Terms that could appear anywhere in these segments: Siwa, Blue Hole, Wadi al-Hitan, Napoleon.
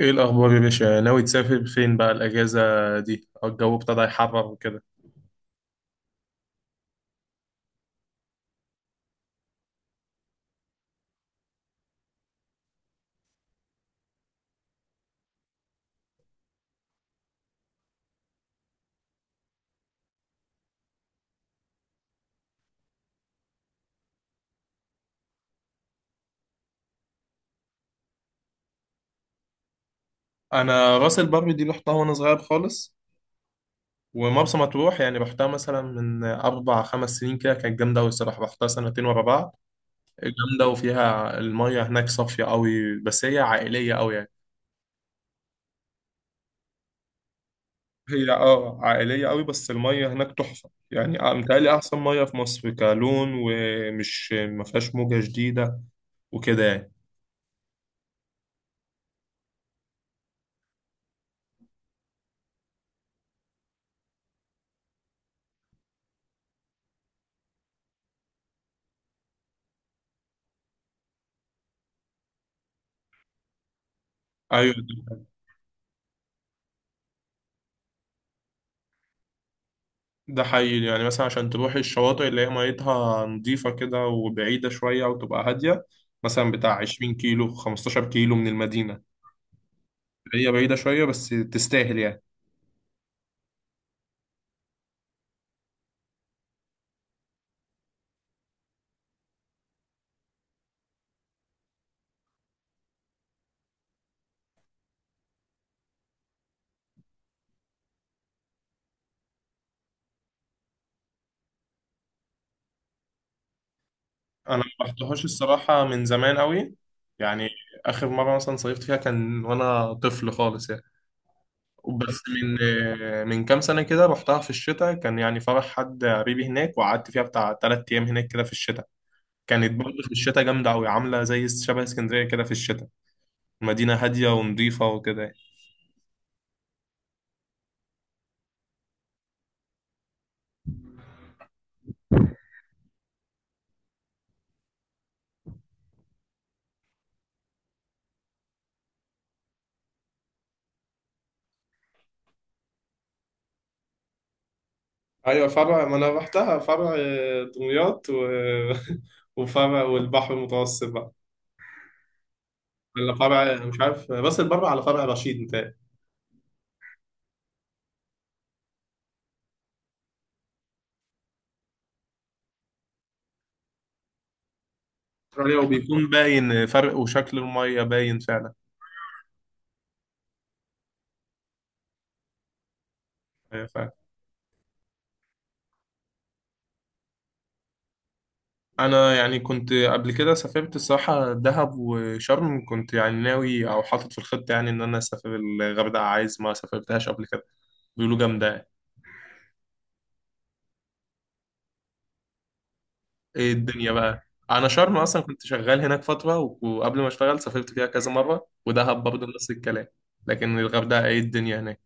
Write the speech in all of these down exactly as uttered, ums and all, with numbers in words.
ايه الاخبار يا باشا؟ ناوي تسافر فين بقى الاجازه دي، أو الجو ابتدى يحرر وكده؟ انا راس البر دي رحتها وانا صغير خالص. ومرسى مطروح يعني رحتها مثلا من اربع خمس سنين كده، كانت جامده قوي الصراحه، رحتها سنتين ورا بعض. جامده، وفيها الميه هناك صافيه قوي، بس هي عائليه قوي يعني. هي اه عائليه قوي، بس الميه هناك تحفه يعني، آه، متهيألي احسن ميه في مصر كلون، ومش ما فيهاش موجه جديده وكده يعني. ايوه، ده حقيقي، يعني مثلا عشان تروحي الشواطئ اللي هي ميتها نظيفة كده وبعيدة شوية وتبقى هادية، مثلا بتاع 20 كيلو 15 كيلو من المدينة. هي بعيدة شوية بس تستاهل يعني. أنا ما رحتهاش الصراحة من زمان قوي يعني. آخر مرة مثلا صيفت فيها كان وأنا طفل خالص يعني. بس من من كام سنة كده رحتها في الشتاء، كان يعني فرح حد قريبي هناك، وقعدت فيها بتاع تلات أيام هناك كده في الشتاء. كانت برضه في الشتاء جامدة أوي، عاملة زي شبه اسكندرية كده في الشتاء. مدينة هادية ونظيفة وكده يعني. ايوه، فرع، ما انا رحتها فرع آه، دمياط و... وفرع والبحر المتوسط بقى. ولا فرع مش عارف، راس البر على فرع رشيد متهيألي. فرع، وبيكون بيكون باين فرق، وشكل المية باين فعلا. أيوة فعلا. أنا يعني كنت قبل كده سافرت الصراحة دهب وشرم، كنت يعني ناوي أو حاطط في الخطة يعني إن أنا أسافر الغردقة، عايز ما سافرتهاش قبل كده. بيقولوا جامدة يعني. ايه الدنيا بقى؟ انا شرم اصلا كنت شغال هناك فتره و- وقبل ما اشتغل سافرت فيها كذا مره، ودهب برضه نفس الكلام. لكن الغردقه ايه الدنيا هناك.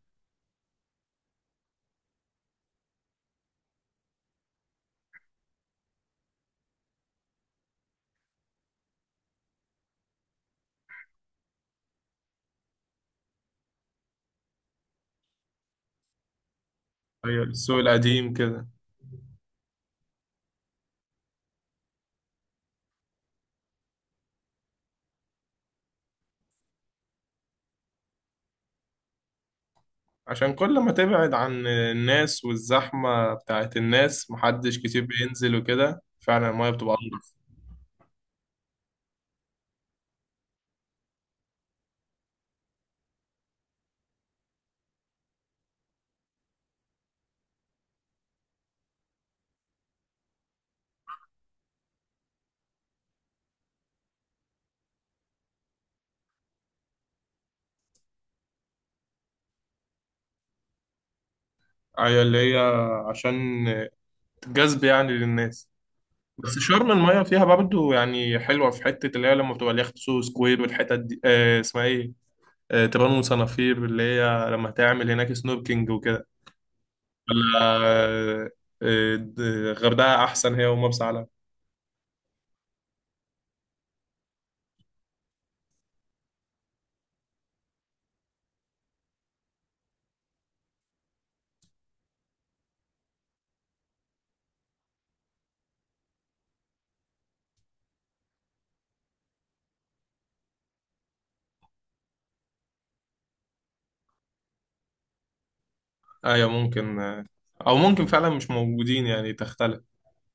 ايوه، السوق القديم كده. عشان كل ما تبعد عن الناس والزحمه بتاعت الناس، محدش كتير بينزل وكده، فعلا المايه بتبقى انضف. ايوه، اللي هي عشان جذب يعني للناس. بس شرم المايه فيها برضه يعني حلوه، في حته اللي هي لما بتبقى اليخت سو سكوير والحتت دي، آه اسمها ايه؟ آه، تبان وصنافير، اللي هي لما تعمل هناك سنوركينج وكده. ولا آه، آه، د- الغردقة أحسن، هي ومرسى علم. أيوة ممكن، آه، أو ممكن فعلا مش موجودين يعني تختلف.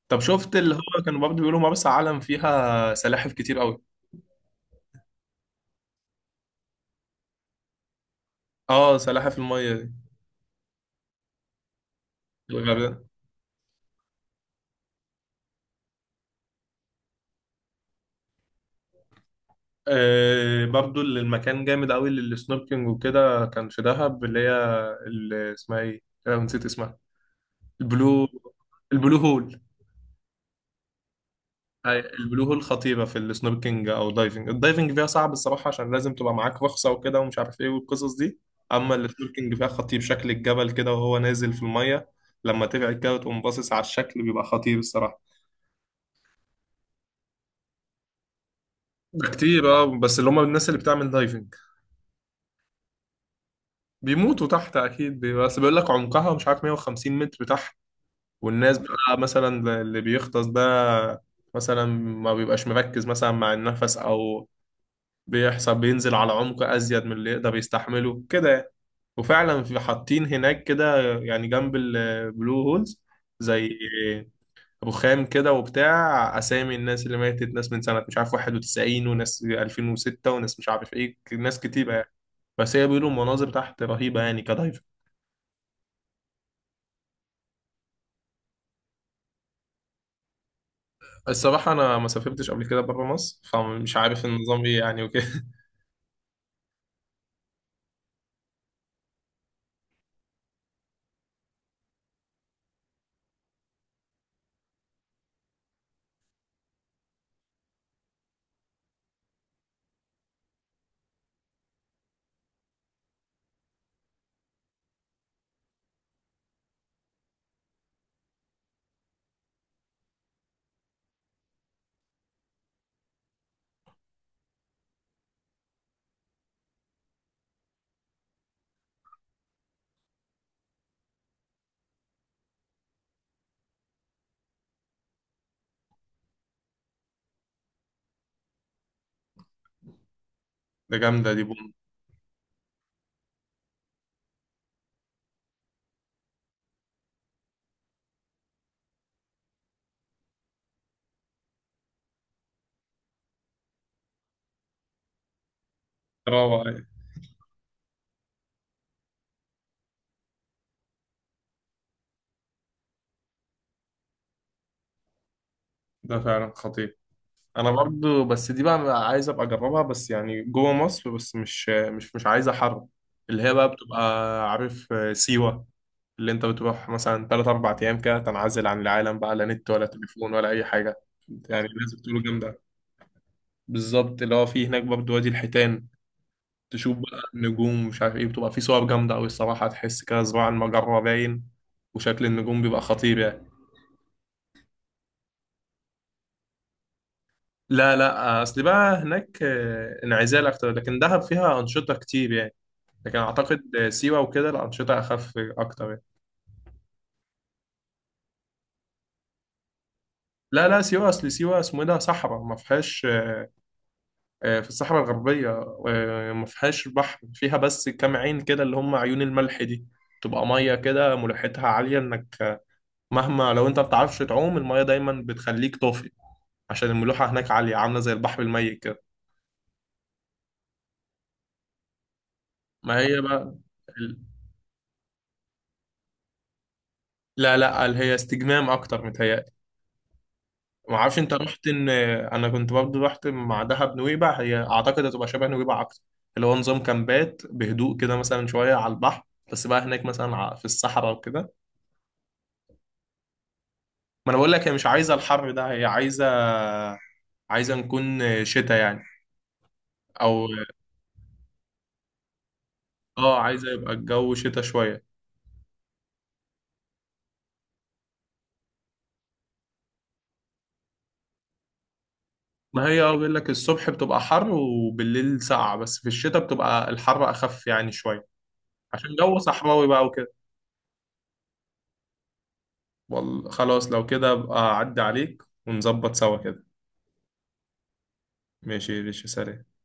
طب شفت، اللي هو كانوا برضه بيقولوا مرسى علم فيها سلاحف كتير أوي؟ اه، سلاحف المية دي. الغردقة. آه، برضه اللي المكان جامد أوي للسنوركينج وكده، كان في دهب اللي هي. اللي اسمها ايه؟ أنا نسيت اسمها. البلو البلو هول. أي- البلو هول خطيرة في السنوركينج أو الدايفنج. الدايفنج فيها صعب الصراحة، عشان لازم تبقى معاك رخصة وكده ومش عارف إيه والقصص دي. أما السنوركينج فيها خطير، شكل الجبل كده وهو نازل في المية. لما تبعد كده وتقوم باصص على الشكل، بيبقى خطير الصراحة. ده كتير اه، بس اللي هم الناس اللي بتعمل دايفنج. بيموتوا تحت اكيد بيبقى- بس بيقول لك عمقها مش عارف 150 متر تحت. والناس بقى مثلا اللي بيغطس ده، مثلا ما بيبقاش مركز مثلا مع النفس، او بيحصل بينزل على عمق أزيد من اللي يقدر يستحمله كده يعني. وفعلا في حاطين هناك كده يعني جنب البلو هولز، زي رخام كده وبتاع أسامي الناس اللي ماتت، ناس من سنة مش عارف واحد وتسعين، وناس الفين وستة، وناس مش عارف إيه، ناس كتيرة يعني. بس هي بيقولوا المناظر تحت رهيبة يعني كدايفنج. الصراحة أنا ما سافرتش قبل كده بره مصر، فمش عارف النظام إيه يعني وكده. ده جامدة، دي بوم. روعة يعني. ده فعلا خطير. انا برضو، بس دي بقى عايز ابقى اجربها، بس يعني جوه مصر، بس مش مش مش عايز حر. اللي هي بقى بتبقى، عارف آه، سيوة. اللي انت بتروح مثلا ثلاثة اربعة ايام كده، تنعزل عن العالم بقى، لا نت ولا تليفون ولا اي حاجة، يعني الناس بتقولوا جامدة. بالظبط، اللي هو في هناك برضو وادي الحيتان، تشوف بقى النجوم مش عارف ايه، بتبقى في صور جامدة قوي الصراحة، تحس كده صباع المجرة باين، وشكل النجوم بيبقى خطير يعني. لا، لا، اصل بقى هناك آه، انعزال اكتر، لكن دهب فيها انشطة كتير يعني. لكن اعتقد سيوه وكده الانشطه اخف اكتر يعني. لا، لا، سيوه اصل سيوه اسمه إيه، ده صحراء ما فيهاش. آه، في الصحراء الغربيه. آه، ما فيهاش بحر، فيها بس كام عين كده اللي هم عيون الملح دي. تبقى ميه كده ملوحتها عاليه، انك، آه، مهما لو انت ما بتعرفش تعوم الميه دايما بتخليك طافي. عشان الملوحه هناك عاليه، عامله زي البحر الميت كده. ما هي بقى. ال- لا، لا، ال- هي استجمام اكتر متهيألي. ما اعرفش انت رحت، ان انا كنت برضه رحت مع دهب نويبع، هي اعتقد هتبقى شبه نويبع اكتر. اللي هو نظام كامبات بهدوء كده، مثلا شويه على البحر. بس بقى هناك مثلا ع- في الصحراء وكده. ما انا بقول لك، هي مش عايزه الحر ده، هي عايزه، عايزه نكون شتاء يعني. او. اه، عايزه يبقى الجو شتاء شويه. ما هي اه بيقول لك، الصبح بتبقى حر وبالليل ساقعه، بس في الشتاء بتبقى الحر اخف يعني شويه. عشان جو صحراوي بقى وكده. وال- خلاص، لو كده ابقى اعدي عليك ونظبط سوا كده. ماشي، ماشي، سلام.